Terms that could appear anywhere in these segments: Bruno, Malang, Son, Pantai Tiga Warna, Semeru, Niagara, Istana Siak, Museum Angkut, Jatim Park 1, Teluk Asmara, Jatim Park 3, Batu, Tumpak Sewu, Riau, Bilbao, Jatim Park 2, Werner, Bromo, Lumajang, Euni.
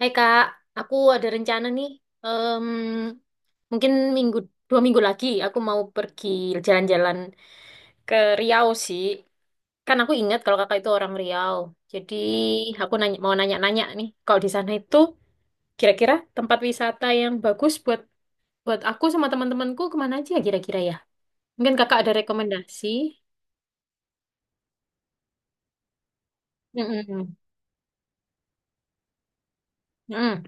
Hai Kak, aku ada rencana nih. Em, mungkin minggu 2 minggu lagi aku mau pergi jalan-jalan ke Riau sih. Kan aku ingat kalau kakak itu orang Riau. Jadi aku nanya, mau nanya-nanya nih, kalau di sana itu kira-kira tempat wisata yang bagus buat buat aku sama teman-temanku kemana aja kira-kira ya? Mungkin kakak ada rekomendasi? Mm-mm. Mm-mm.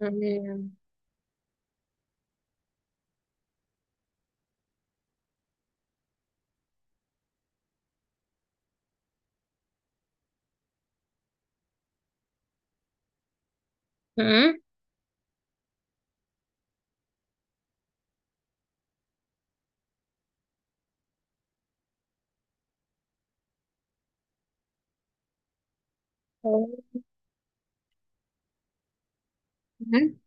Mm-mm. Mm-mm. Oh. Mm-mm.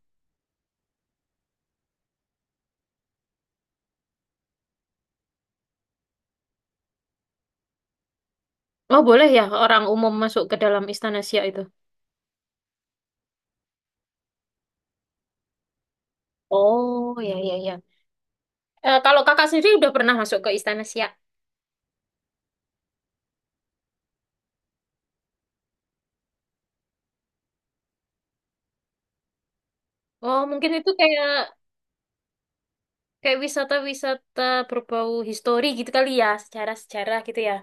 Oh boleh ya orang umum masuk ke dalam Istana Siak itu. Oh, ya, ya, ya. Eh, kalau kakak sendiri udah pernah masuk ke Istana Siak? Oh, mungkin itu kayak kayak wisata-wisata berbau histori gitu kali ya, sejarah-sejarah gitu ya.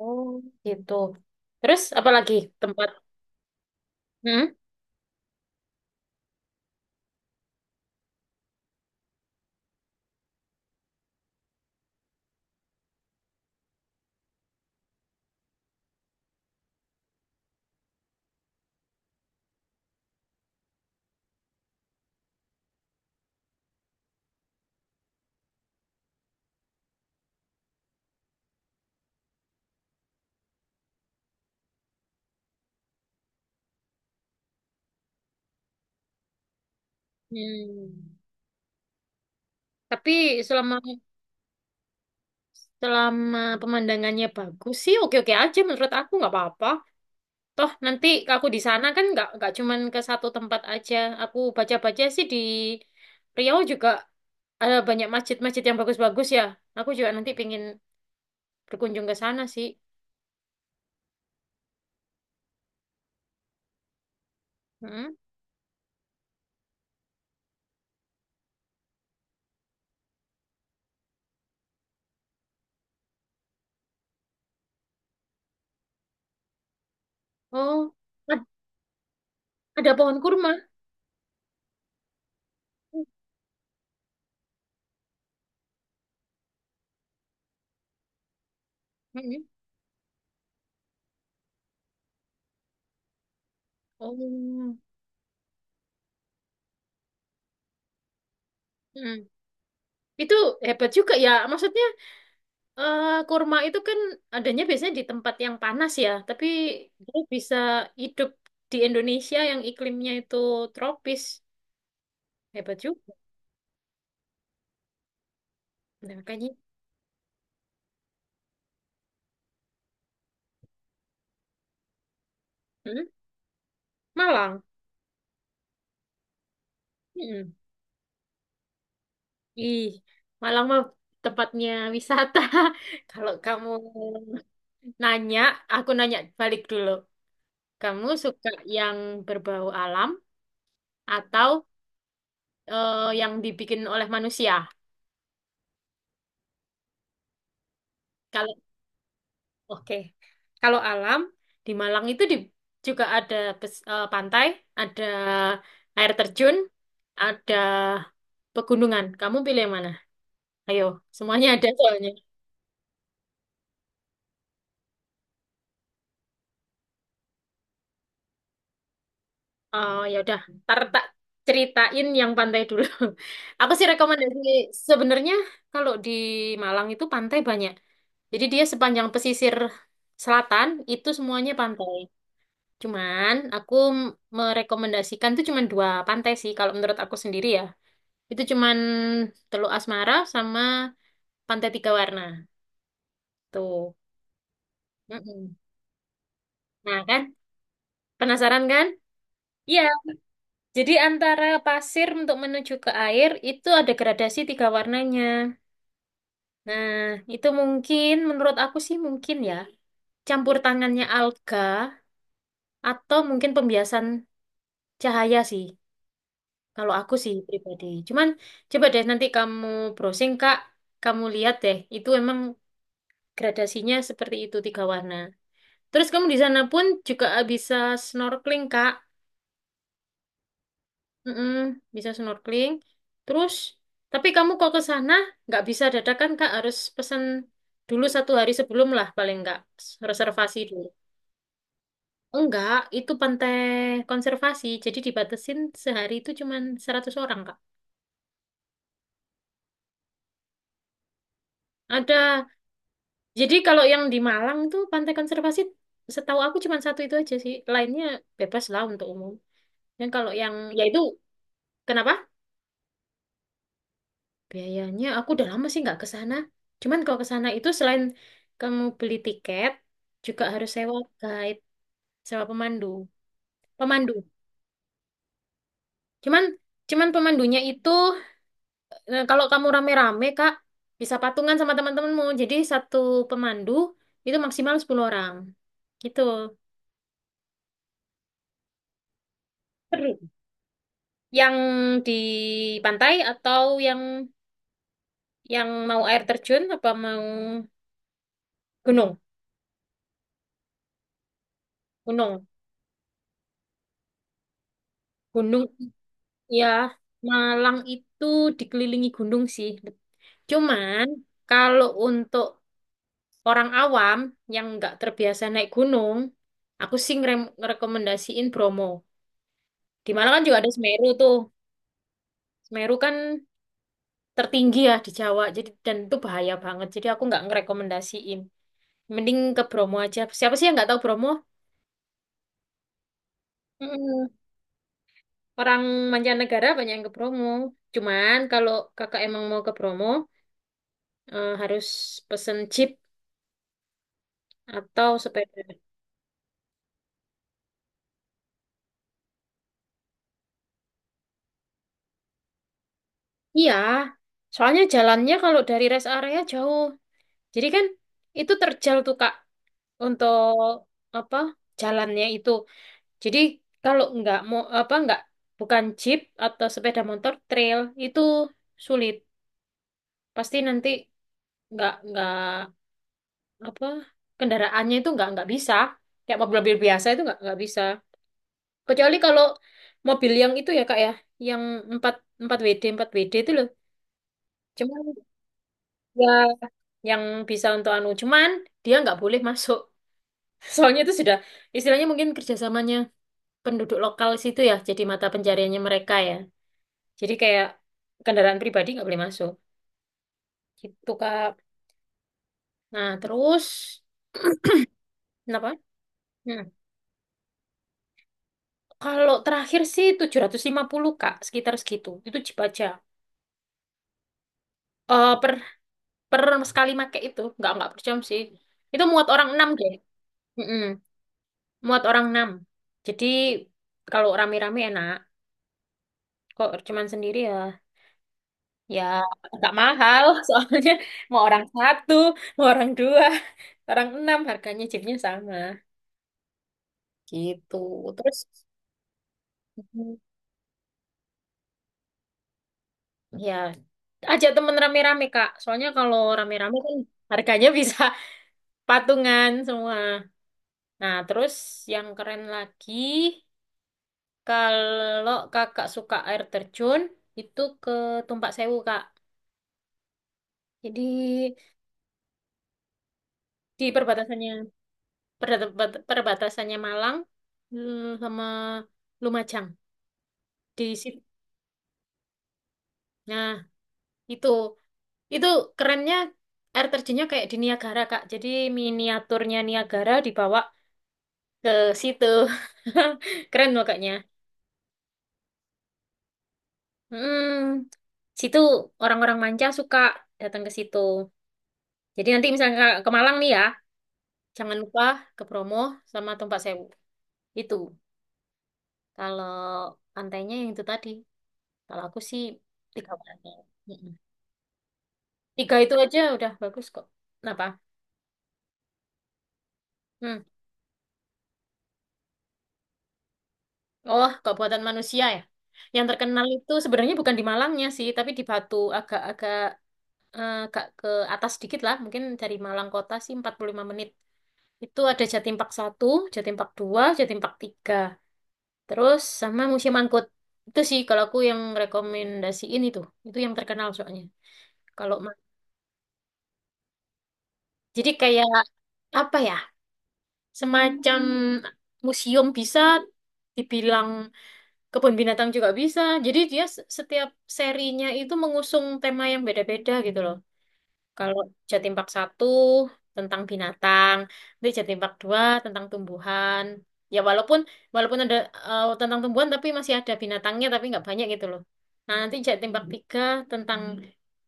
Oh, gitu. Terus apa lagi tempat? Hmm? Hmm. Tapi selama selama pemandangannya bagus sih, oke-oke aja menurut aku nggak apa-apa. Toh nanti aku di sana kan nggak cuman ke satu tempat aja. Aku baca-baca sih di Riau juga ada banyak masjid-masjid yang bagus-bagus ya. Aku juga nanti pengen berkunjung ke sana sih. Mm-mm. Oh, ad- ada pohon kurma. Mm-mm. Oh. Mm. Itu hebat juga ya. Maksudnya kurma itu kan adanya biasanya di tempat yang panas ya, tapi dia bisa hidup di Indonesia yang iklimnya itu tropis. Hebat juga. Nah, makanya. Hmm. Malang. mm Ih, Malang mah tempatnya wisata. Kalau kamu nanya, aku nanya balik dulu. Kamu suka yang berbau alam atau yang dibikin oleh manusia? Kalau oke, kalau alam di Malang itu juga ada pantai, ada air terjun, ada pegunungan. Kamu pilih yang mana? Ayo, semuanya ada soalnya. Oh, ya udah, ntar tak ceritain yang pantai dulu. Aku sih rekomendasi sebenarnya kalau di Malang itu pantai banyak. Jadi dia sepanjang pesisir selatan itu semuanya pantai. Cuman aku merekomendasikan tuh cuman dua pantai sih kalau menurut aku sendiri ya. Itu cuman Teluk Asmara sama Pantai Tiga Warna. Tuh. Mm-mm. Nah kan, penasaran kan? Iya, jadi antara pasir untuk menuju ke air itu ada gradasi tiga warnanya. Nah, itu mungkin menurut aku sih mungkin ya campur tangannya alga atau mungkin pembiasan cahaya sih. Kalau aku sih pribadi. Cuman coba deh nanti kamu browsing Kak, kamu lihat deh itu emang gradasinya seperti itu tiga warna. Terus kamu di sana pun juga bisa snorkeling Kak. Mm-mm, bisa snorkeling. Terus tapi kamu kok ke sana nggak bisa dadakan Kak, harus pesan dulu satu hari sebelum lah paling nggak reservasi dulu. Enggak, itu pantai konservasi. Jadi dibatasin sehari itu cuma 100 orang, Kak. Ada. Jadi kalau yang di Malang tuh pantai konservasi setahu aku cuma satu itu aja sih. Lainnya bebas lah untuk umum. Dan kalau yang ya itu kenapa? Biayanya aku udah lama sih nggak ke sana. Cuman kalau ke sana itu selain kamu beli tiket, juga harus sewa guide, sewa pemandu. Pemandu. Cuman cuman pemandunya itu. Nah, kalau kamu rame-rame, Kak, bisa patungan sama teman-temanmu. Jadi satu pemandu itu maksimal 10 orang. Gitu. Seru. Yang di pantai atau yang mau air terjun apa mau gunung? Gunung. Gunung. Ya, Malang itu dikelilingi gunung sih. Cuman kalau untuk orang awam yang nggak terbiasa naik gunung, aku sih ngerekomendasiin Bromo. Di Malang kan juga ada Semeru tuh. Meru kan tertinggi ya di Jawa, jadi dan itu bahaya banget. Jadi aku nggak ngerekomendasiin. Mending ke Bromo aja. Siapa sih yang nggak tahu Bromo? Mm-mm. Orang mancanegara banyak yang ke Bromo. Cuman kalau kakak emang mau ke Bromo, harus pesen jeep atau sepeda. Iya, soalnya jalannya kalau dari rest area jauh. Jadi kan itu terjal tuh Kak untuk apa jalannya itu. Jadi kalau nggak mau apa nggak bukan jeep atau sepeda motor trail itu sulit. Pasti nanti nggak apa kendaraannya itu nggak bisa. Kayak mobil-mobil biasa itu nggak bisa. Kecuali kalau mobil yang itu ya Kak ya, yang 4 4 WD itu loh. Cuman ya yang bisa untuk anu cuman dia nggak boleh masuk. Soalnya itu sudah istilahnya mungkin kerjasamanya penduduk lokal situ ya, jadi mata pencariannya mereka ya. Jadi kayak kendaraan pribadi nggak boleh masuk. Gitu, Kak. Nah, terus kenapa? Hmm. Kalau terakhir sih 750 Kak, sekitar segitu. Itu Jeep aja. Eh, per per sekali make itu nggak per jam sih. Itu muat orang 6 deh. Mm-mm. Muat orang 6. Jadi kalau rame-rame enak. Kok cuman sendiri ya? Ya agak mahal soalnya mau orang satu, mau orang dua, orang enam harganya Jeepnya sama. Gitu. Terus. Ya, ajak temen rame-rame, Kak. Soalnya kalau rame-rame kan harganya bisa patungan semua. Nah, terus yang keren lagi, kalau kakak suka air terjun, itu ke Tumpak Sewu, Kak. Jadi di perbatasannya, perbatasannya Malang sama Lumajang. Di situ. Nah, itu. Itu kerennya air terjunnya kayak di Niagara, Kak. Jadi miniaturnya Niagara dibawa ke situ. Keren makanya. Hmm, situ orang-orang manca suka datang ke situ. Jadi nanti misalnya ke Malang nih ya, jangan lupa ke Bromo sama Tumpak Sewu. Itu kalau pantainya yang itu tadi. Kalau aku sih tiga pantai. Mm-mm. Tiga itu aja udah bagus kok. Kenapa? Hmm. Oh, kok buatan manusia ya. Yang terkenal itu sebenarnya bukan di Malangnya sih, tapi di Batu agak-agak agak ke atas sedikit lah, mungkin dari Malang kota sih 45 menit. Itu ada Jatim Park 1, Jatim Park 2, Jatim Park 3. Terus sama Museum Angkut. Itu sih kalau aku yang rekomendasiin itu. Itu yang terkenal soalnya. Kalau ma- jadi kayak apa ya? Semacam museum bisa dibilang kebun binatang juga bisa. Jadi dia setiap serinya itu mengusung tema yang beda-beda gitu loh. Kalau Jatim Park 1 tentang binatang, nanti Jatim Park 2 tentang tumbuhan. Ya walaupun walaupun ada tentang tumbuhan tapi masih ada binatangnya tapi nggak banyak gitu loh. Nah, nanti Jatim Park 3 tentang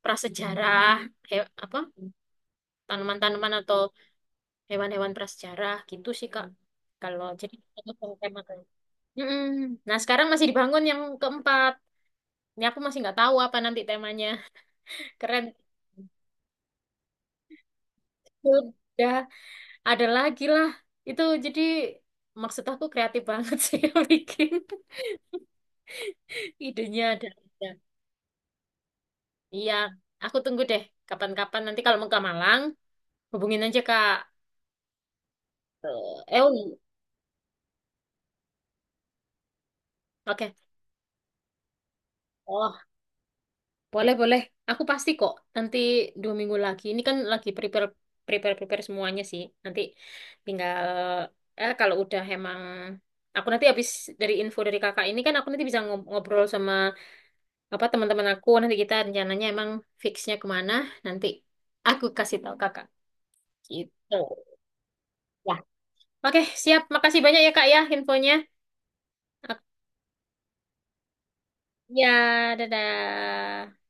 prasejarah, apa? Tanaman-tanaman atau hewan-hewan prasejarah gitu sih Kak. Kalau jadi itu tema tuh. Mm-mm. Nah, sekarang masih dibangun yang keempat. Ini aku masih nggak tahu apa nanti temanya. Keren. Sudah. Ada lagi lah. Itu jadi maksud aku kreatif banget sih yang bikin. Idenya ada, ada. Iya, aku tunggu deh. Kapan-kapan nanti kalau mau ke Malang, hubungin aja Kak Euni. Oke. Oh, boleh boleh. Aku pasti kok. Nanti 2 minggu lagi. Ini kan lagi prepare prepare prepare semuanya sih. Nanti tinggal kalau udah emang aku nanti habis dari info dari kakak, ini kan aku nanti bisa ngobrol sama apa teman-teman aku, nanti kita rencananya emang fixnya kemana, nanti aku kasih tahu kakak gitu ya. Oke siap, makasih banyak ya kak ya infonya. Ak- Ya, dadah.